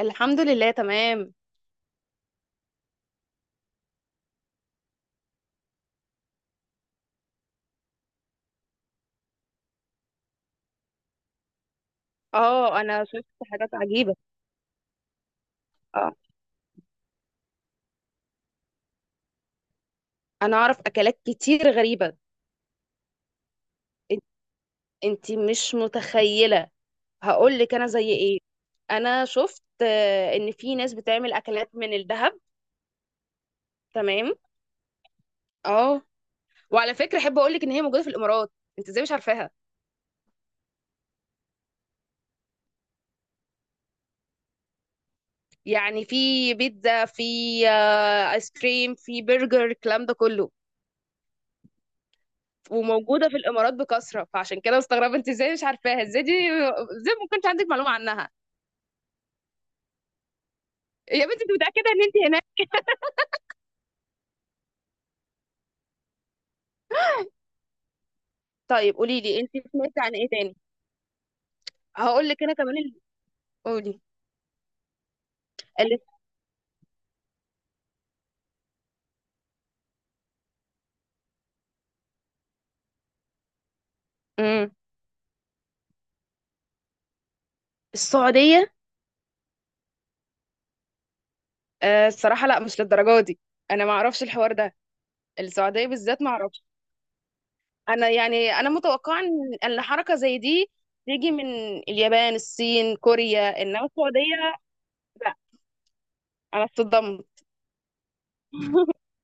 الحمد لله تمام. اه انا شفت حاجات عجيبة. اه انا اعرف اكلات كتير غريبة. إن- انتي مش متخيلة، هقول لك انا زي ايه. انا شفت ان في ناس بتعمل اكلات من الذهب. تمام اه. وعلى فكرة احب اقول لك ان هي موجودة في الامارات، انت ازاي مش عارفاها؟ يعني في بيتزا، في ايس كريم، في برجر، الكلام ده كله. وموجودة في الامارات بكثرة، فعشان كده مستغربة انت ازاي مش عارفاها، ازاي دي، ازاي ما كانش عندك معلومة عنها. يا بنتي انت متأكدة ان انت هناك؟ طيب قولي لي انت سمعتي عن ايه تاني. هقول لك انا كمان قولي. ال- امم السعودية. آه الصراحة لا، مش للدرجة دي، انا ما اعرفش الحوار ده. السعودية بالذات ما اعرفش. انا يعني انا متوقعة ان حركة زي دي تيجي من اليابان، الصين، كوريا، انما السعودية لا. انا اتصدمت.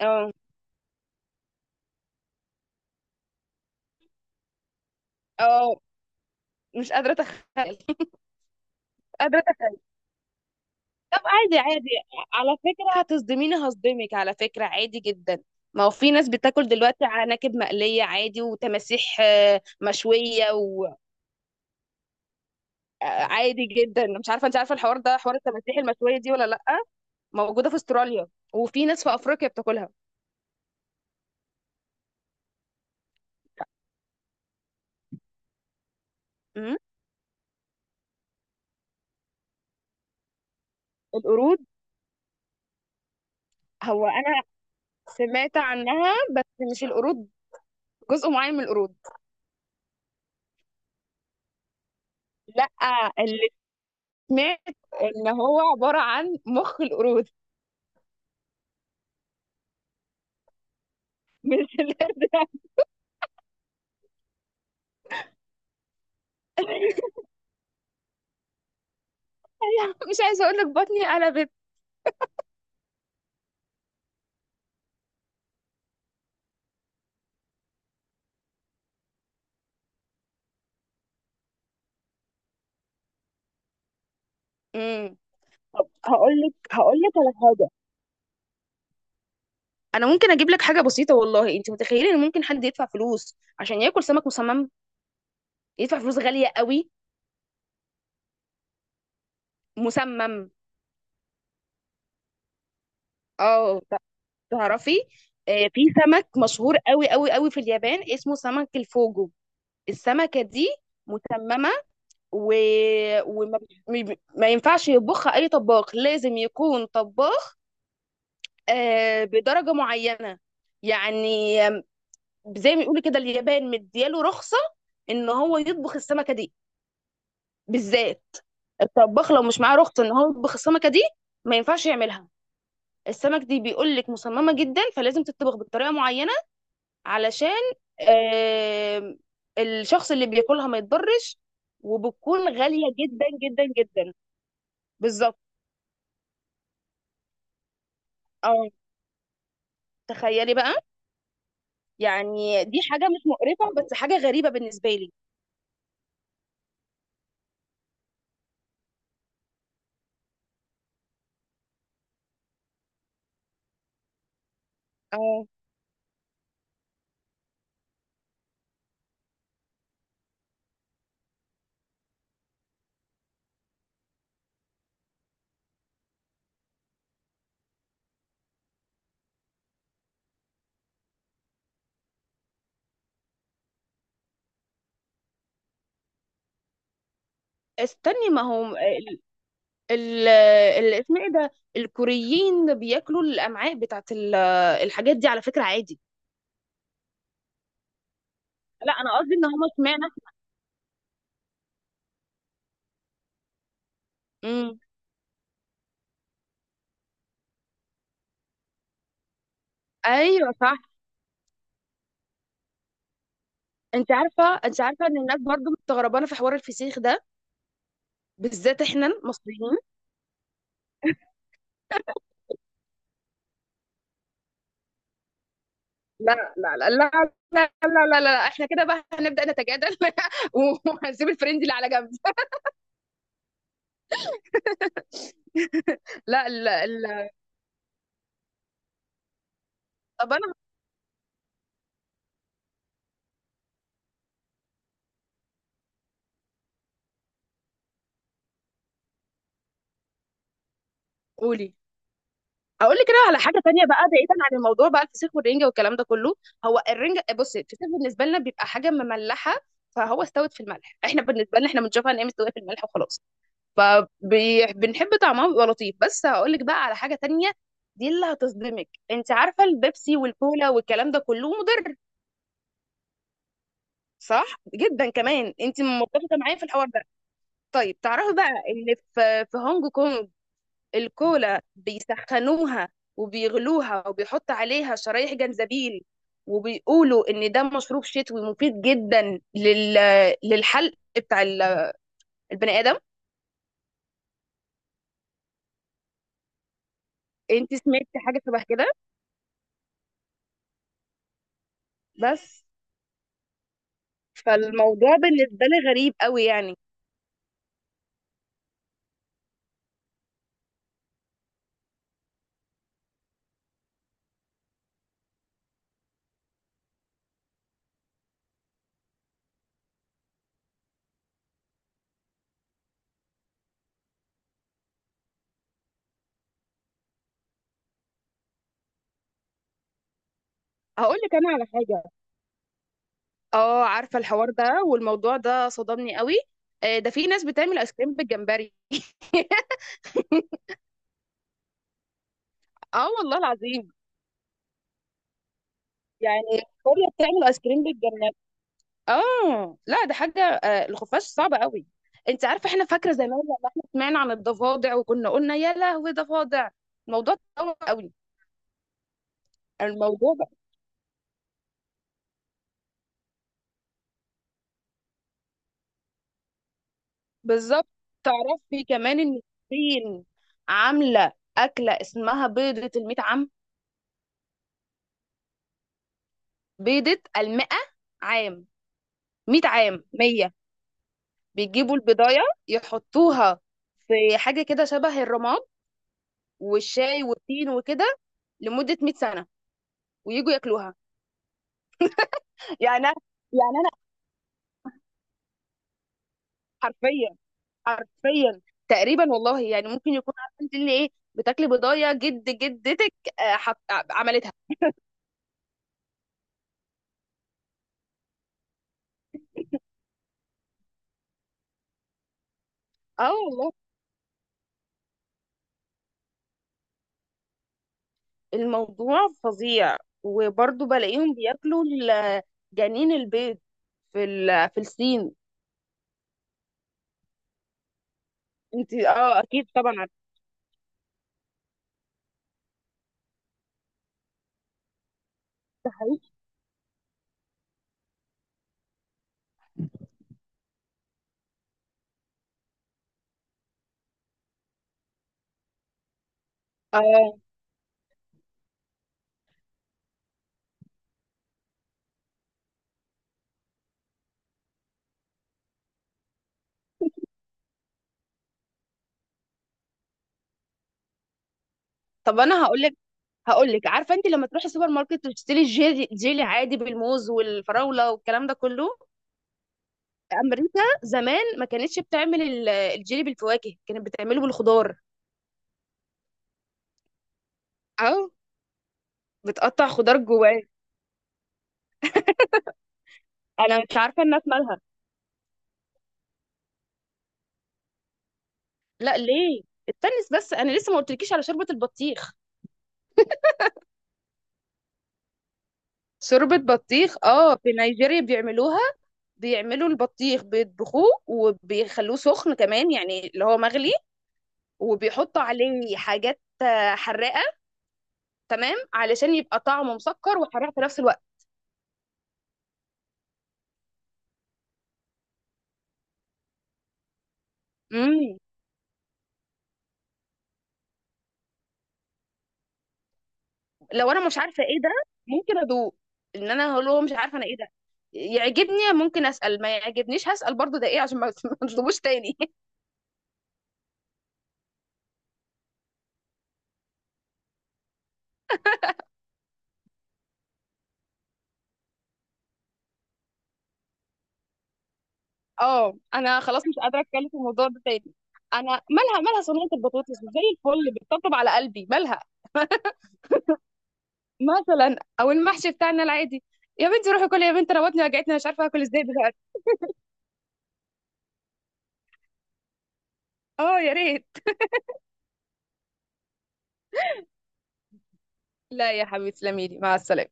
اه اه، مش قادرة اتخيل، مش قادرة. طب عادي عادي، على فكرة هتصدميني هصدمك، على فكرة عادي جدا. ما هو في ناس بتاكل دلوقتي عناكب مقلية عادي، وتماسيح مشوية، وعادي جدا. مش عارفة انت عارفة الحوار ده، حوار التماسيح المشوية دي ولا لأ؟ موجودة في استراليا، وفي ناس في أفريقيا بتاكلها. أمم. القرود، هو أنا سمعت عنها بس مش القرود، جزء معين من القرود. لأ، اللي سمعت ان هو عبارة عن مخ القرود. مش اللي مش عايزة اقول لك بطني قلبت. امم. هقول لك على حاجه. انا ممكن اجيب لك حاجه بسيطه، والله انت متخيله ان ممكن حد يدفع فلوس عشان ياكل سمك مسمم؟ يدفع فلوس غاليه قوي، مسمم. اه ت- تعرفي في سمك مشهور قوي قوي قوي في اليابان اسمه سمك الفوجو. السمكه دي مسممه و... وما بت- م- ب- ما ينفعش يطبخها اي طباخ، لازم يكون طباخ بدرجه معينه. يعني زي ما بيقولوا كده، اليابان مدياله رخصة ان هو يطبخ السمكة دي بالذات. الطباخ لو مش معاه رخصة ان هو يطبخ السمكة دي ما ينفعش يعملها. السمك دي بيقول لك مصممة جدا، فلازم تطبخ بطريقة معينة علشان آم، الشخص اللي بياكلها ما يتضرش، وبتكون غالية جدا جدا جدا. بالظبط اه. تخيلي بقى، يعني دي حاجة مش مقرفة بس حاجة غريبة بالنسبة لي. اه استني، ما هو اسمه ايه ده، الكوريين بياكلوا الامعاء بتاعت الحاجات دي، على فكره عادي. لا انا قصدي ان هم اشمعنى. امم. ايوه صح. انت عارفه ان الناس برضو مستغربانه في حوار الفسيخ ده، بالذات احنا المصريين. لا لا لا لا، لا لا لا, لا. احنا كده بقى هنبدا نتجادل وهنسيب الفريند اللي على جنب. لا لا لا. طب انا قولي. اقول لك كده على حاجه تانية بقى، بعيدا عن الموضوع بقى الفسيخ والرنجه والكلام ده كله. هو الرنجه، بصي الفسيخ بالنسبه لنا بيبقى حاجه مملحه، فهو استوت في الملح. احنا بالنسبه لنا احنا بنشوفها ان هي مستويه في الملح وخلاص، فبنحب طعمها بيبقى لطيف. بس هقول لك بقى على حاجه تانية، دي اللي هتصدمك. انت عارفه البيبسي والكولا والكلام ده كله مضر، صح؟ جدا كمان، انت متفقه معايا في الحوار ده. طيب تعرفي بقى ان في هونج كونج الكولا بيسخنوها وبيغلوها وبيحط عليها شرايح جنزبيل، وبيقولوا ان ده مشروب شتوي مفيد جدا للحلق بتاع البني ادم. انت سمعتي حاجه شبه كده؟ بس فالموضوع بالنسبه لي غريب قوي يعني. هقول لك انا على حاجه، اه عارفه الحوار ده والموضوع ده صدمني قوي. ده في ناس بتعمل ايس كريم بالجمبري. اه والله العظيم. يعني كوريا بتعمل ايس كريم بالجمبري. اه لا ده حاجه الخفاش صعب قوي. انت عارفه احنا فاكره زمان لما احنا سمعنا عن الضفادع وكنا قلنا يا لهوي ضفادع، الموضوع اتطور قوي. الموضوع بقى بالظبط. تعرفي كمان ان الصين عامله اكله اسمها بيضه الميت عام، بيضه المئة عام، 100 عام، 100. بيجيبوا البضايه يحطوها في حاجه كده شبه الرماد والشاي والتين وكده، لمده 100 سنه، ويجوا ياكلوها. يعني أنا- يعني حرفيا حرفيا تقريبا، والله يعني ممكن يكون عارفه انت اللي ايه بتاكلي بضايه جد جدتك. آه، حط... آه، عملتها. اه والله، الموضوع فظيع. وبرضه بلاقيهم بياكلوا جنين البيض في في الصين. انت اه اكيد طبعا عارفه. ده حقيقي. اه طب انا هقول لك عارفه انت لما تروحي السوبر ماركت وتشتري الجيلي، جيلي عادي بالموز والفراوله والكلام ده كله، امريكا زمان ما كانتش بتعمل الجيلي بالفواكه، كانت بتعمله بالخضار. اه بتقطع خضار جواه. انا مش عارفه الناس مالها. لا ليه، استني، بس انا لسه ما قلتلكيش على شوربه البطيخ. شوربة بطيخ اه، في نيجيريا بيعملوها. بيعملوا البطيخ بيطبخوه وبيخلوه سخن كمان، يعني اللي هو مغلي، وبيحطوا عليه حاجات حراقة، تمام، علشان يبقى طعمه مسكر وحراق في نفس الوقت. مم. لو انا مش عارفة ايه ده، ممكن ادوق. ان انا هقول له مش عارفة انا ايه ده، يعجبني ممكن اسأل، ما يعجبنيش هسأل برضو ده ايه، عشان ما ما اطلبوش تاني. اه انا خلاص مش قادره اتكلم في الموضوع ده تاني. انا مالها مالها صينيه البطاطس زي الفل بتطبطب على قلبي، مالها؟ مثلا او المحشي بتاعنا العادي. يا بنتي روحي كلي يا بنتي، انا بطني وجعتني، أنا مش عارفه اكل ازاي دلوقتي. اه يا ريت. لا يا حبيبتي تسلمي لي، مع السلامه.